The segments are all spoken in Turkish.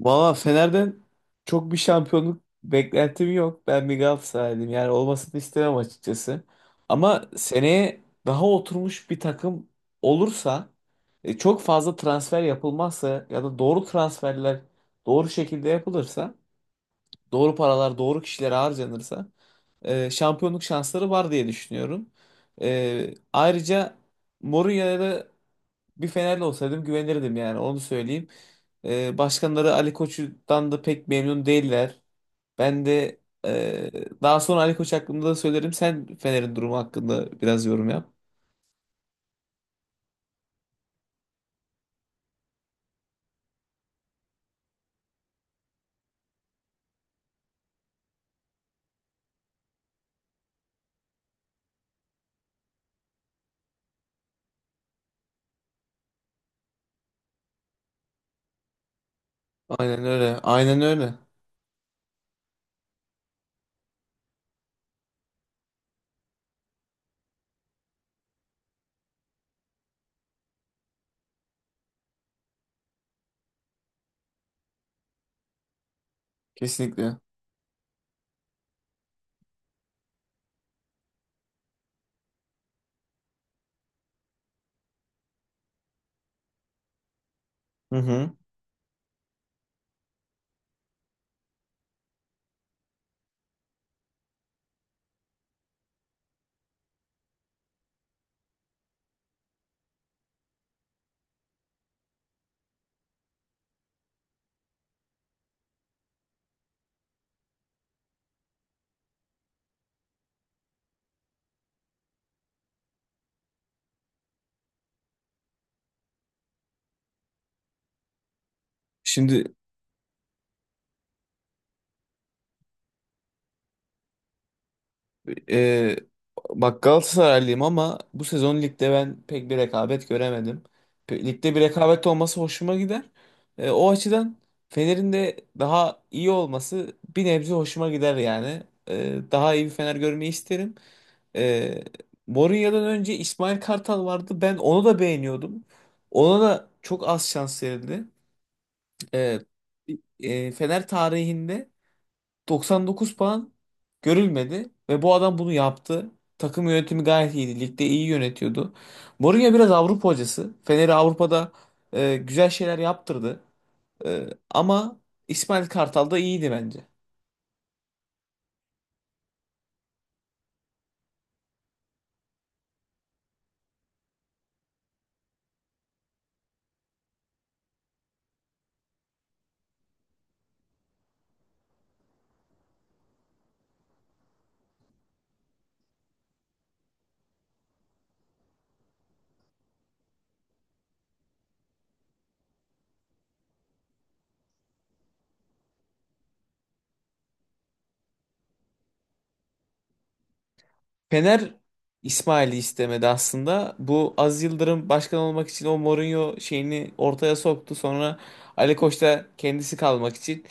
Valla Fener'den çok bir şampiyonluk beklentim yok. Ben bir Galatasaraylıyım. Yani olmasını istemem açıkçası. Ama seneye daha oturmuş bir takım olursa, çok fazla transfer yapılmazsa ya da doğru transferler doğru şekilde yapılırsa, doğru paralar doğru kişilere harcanırsa şampiyonluk şansları var diye düşünüyorum. Ayrıca Mourinho'ya da bir Fenerli olsaydım güvenirdim, yani onu söyleyeyim. Başkanları Ali Koç'tan da pek memnun değiller. Ben de e, daha sonra Ali Koç hakkında da söylerim. Sen Fener'in durumu hakkında biraz yorum yap. Aynen öyle. Aynen öyle. Kesinlikle. Hı hı. Şimdi Ee, bak, Galatasaraylıyım ama bu sezon ligde ben pek bir rekabet göremedim. Ligde bir rekabet olması hoşuma gider. O açıdan Fener'in de daha iyi olması bir nebze hoşuma gider yani. Daha iyi bir Fener görmeyi isterim. Ee, Mourinho'dan önce İsmail Kartal vardı. Ben onu da beğeniyordum. Ona da çok az şans verildi. Ee, Fener tarihinde 99 puan görülmedi ve bu adam bunu yaptı. Takım yönetimi gayet iyiydi. Ligde iyi yönetiyordu. Mourinho biraz Avrupa hocası. Fener'i Avrupa'da güzel şeyler yaptırdı. Ama İsmail Kartal da iyiydi bence. Fener İsmail'i istemedi aslında. Bu Aziz Yıldırım başkan olmak için o Mourinho şeyini ortaya soktu. Sonra Ali Koç da kendisi kalmak için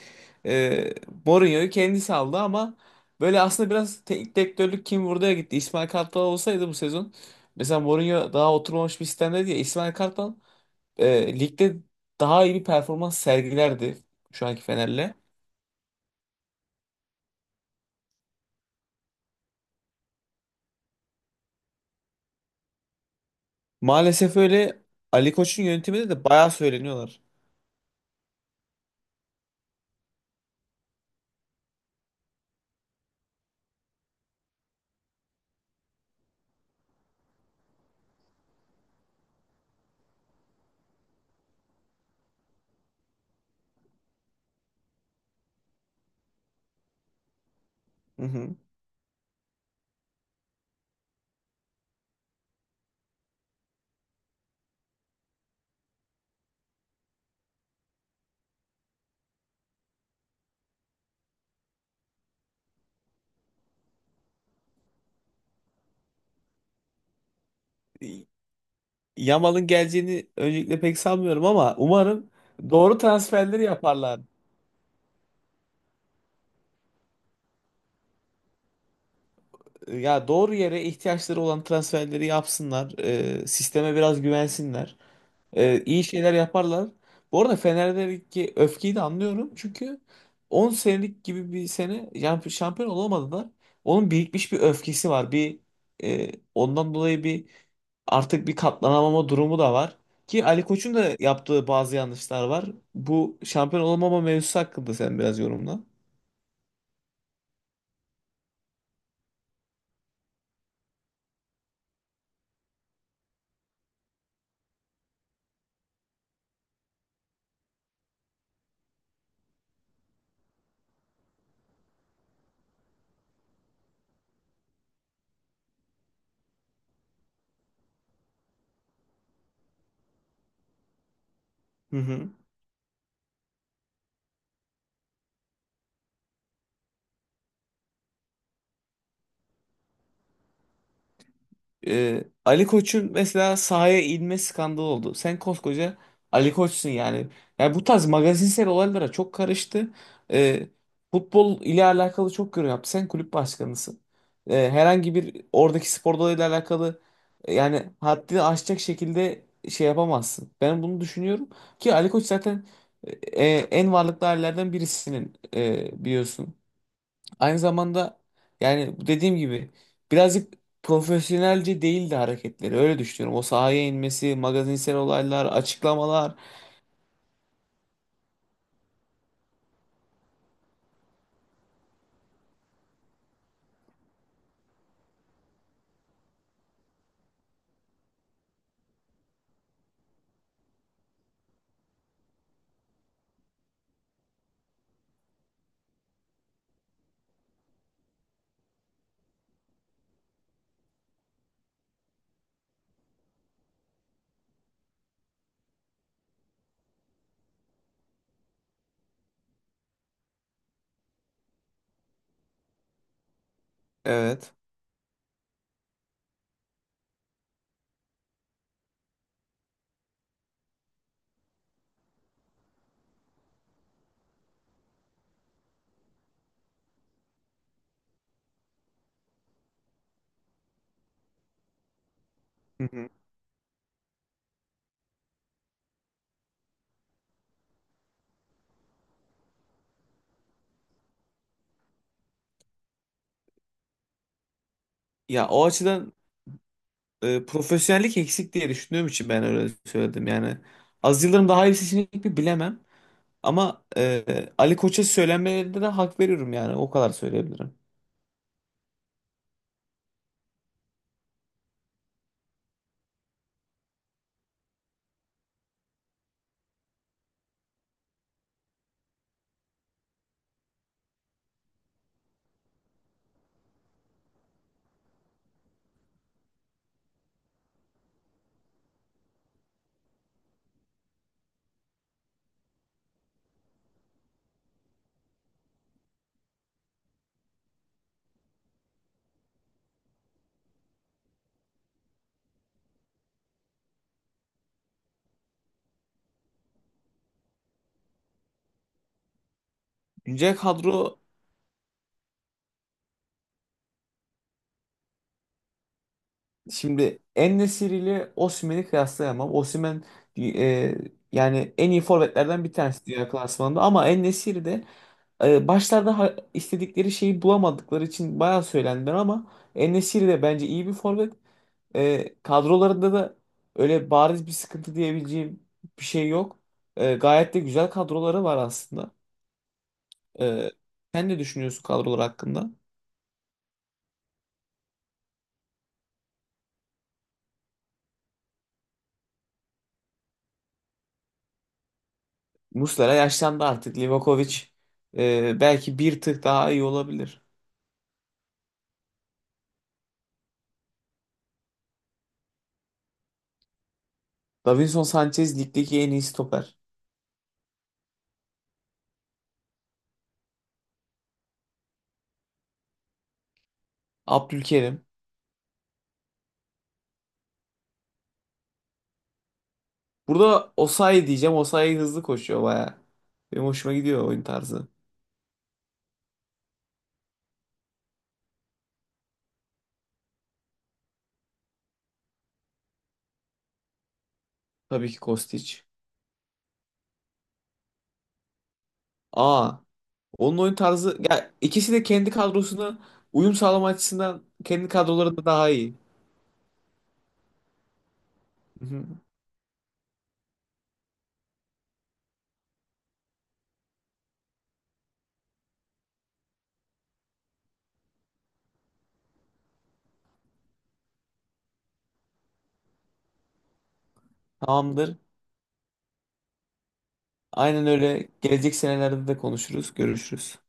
e, Mourinho'yu kendisi aldı ama böyle aslında biraz teknik direktörlük kim buraya gitti. İsmail Kartal olsaydı bu sezon, mesela Mourinho daha oturmamış bir sistemde diye, İsmail Kartal ligde daha iyi bir performans sergilerdi şu anki Fener'le. Maalesef öyle. Ali Koç'un yönetiminde de bayağı söyleniyorlar. Hı hı. Yamal'ın geleceğini öncelikle pek sanmıyorum ama umarım doğru transferleri yaparlar. Ya doğru yere ihtiyaçları olan transferleri yapsınlar. Sisteme biraz güvensinler. İyi şeyler yaparlar. Bu arada Fener'deki öfkeyi de anlıyorum. Çünkü 10 senelik gibi bir sene, yani şampiyon olamadılar. Onun birikmiş bir öfkesi var. Ondan dolayı artık bir katlanamama durumu da var. Ki Ali Koç'un da yaptığı bazı yanlışlar var. Bu şampiyon olamama mevzusu hakkında sen biraz yorumla. Hı hı. Ali Koç'un mesela sahaya inme skandalı oldu. Sen koskoca Ali Koç'sun yani. Yani bu tarz magazinsel olaylara çok karıştı. Ee, Futbol ile alakalı çok yorum yaptı. Sen kulüp başkanısın. Herhangi bir oradaki spor dalıyla alakalı yani haddini aşacak şekilde şey yapamazsın. Ben bunu düşünüyorum ki Ali Koç zaten e, en varlıklı ailelerden birisinin biliyorsun. Aynı zamanda, yani dediğim gibi, birazcık profesyonelce değildi hareketleri. Öyle düşünüyorum. O sahaya inmesi, magazinsel olaylar, açıklamalar. Evet. Hı hı. Ya o açıdan profesyonellik eksik diye düşündüğüm için ben öyle söyledim. Yani az yıllarım daha iyi bir seçenek mi bilemem. Ama Ali Koç'a söylenmelerinde de hak veriyorum yani. O kadar söyleyebilirim. Güncel kadro. Şimdi En-Nesyri ile Osimhen'i kıyaslayamam. Osimhen e, yani en iyi forvetlerden bir tanesi dünya klasmanında, ama En-Nesyri de başlarda istedikleri şeyi bulamadıkları için bayağı söylendiler ama En-Nesyri de bence iyi bir forvet. Kadrolarında da öyle bariz bir sıkıntı diyebileceğim bir şey yok. Gayet de güzel kadroları var aslında. E, Sen ne düşünüyorsun kadrolar hakkında? Muslera yaşlandı artık. Livakovic belki bir tık daha iyi olabilir. Davinson Sanchez ligdeki en iyi stoper. Abdülkerim. Burada Osayi diyeceğim. Osayi hızlı koşuyor baya. Benim hoşuma gidiyor oyun tarzı. Tabii ki Kostić. Aa, onun oyun tarzı, ya ikisi de kendi kadrosuna uyum sağlama açısından kendi kadroları da daha iyi. Hı hı. Tamamdır. Aynen öyle. Gelecek senelerde de konuşuruz, görüşürüz.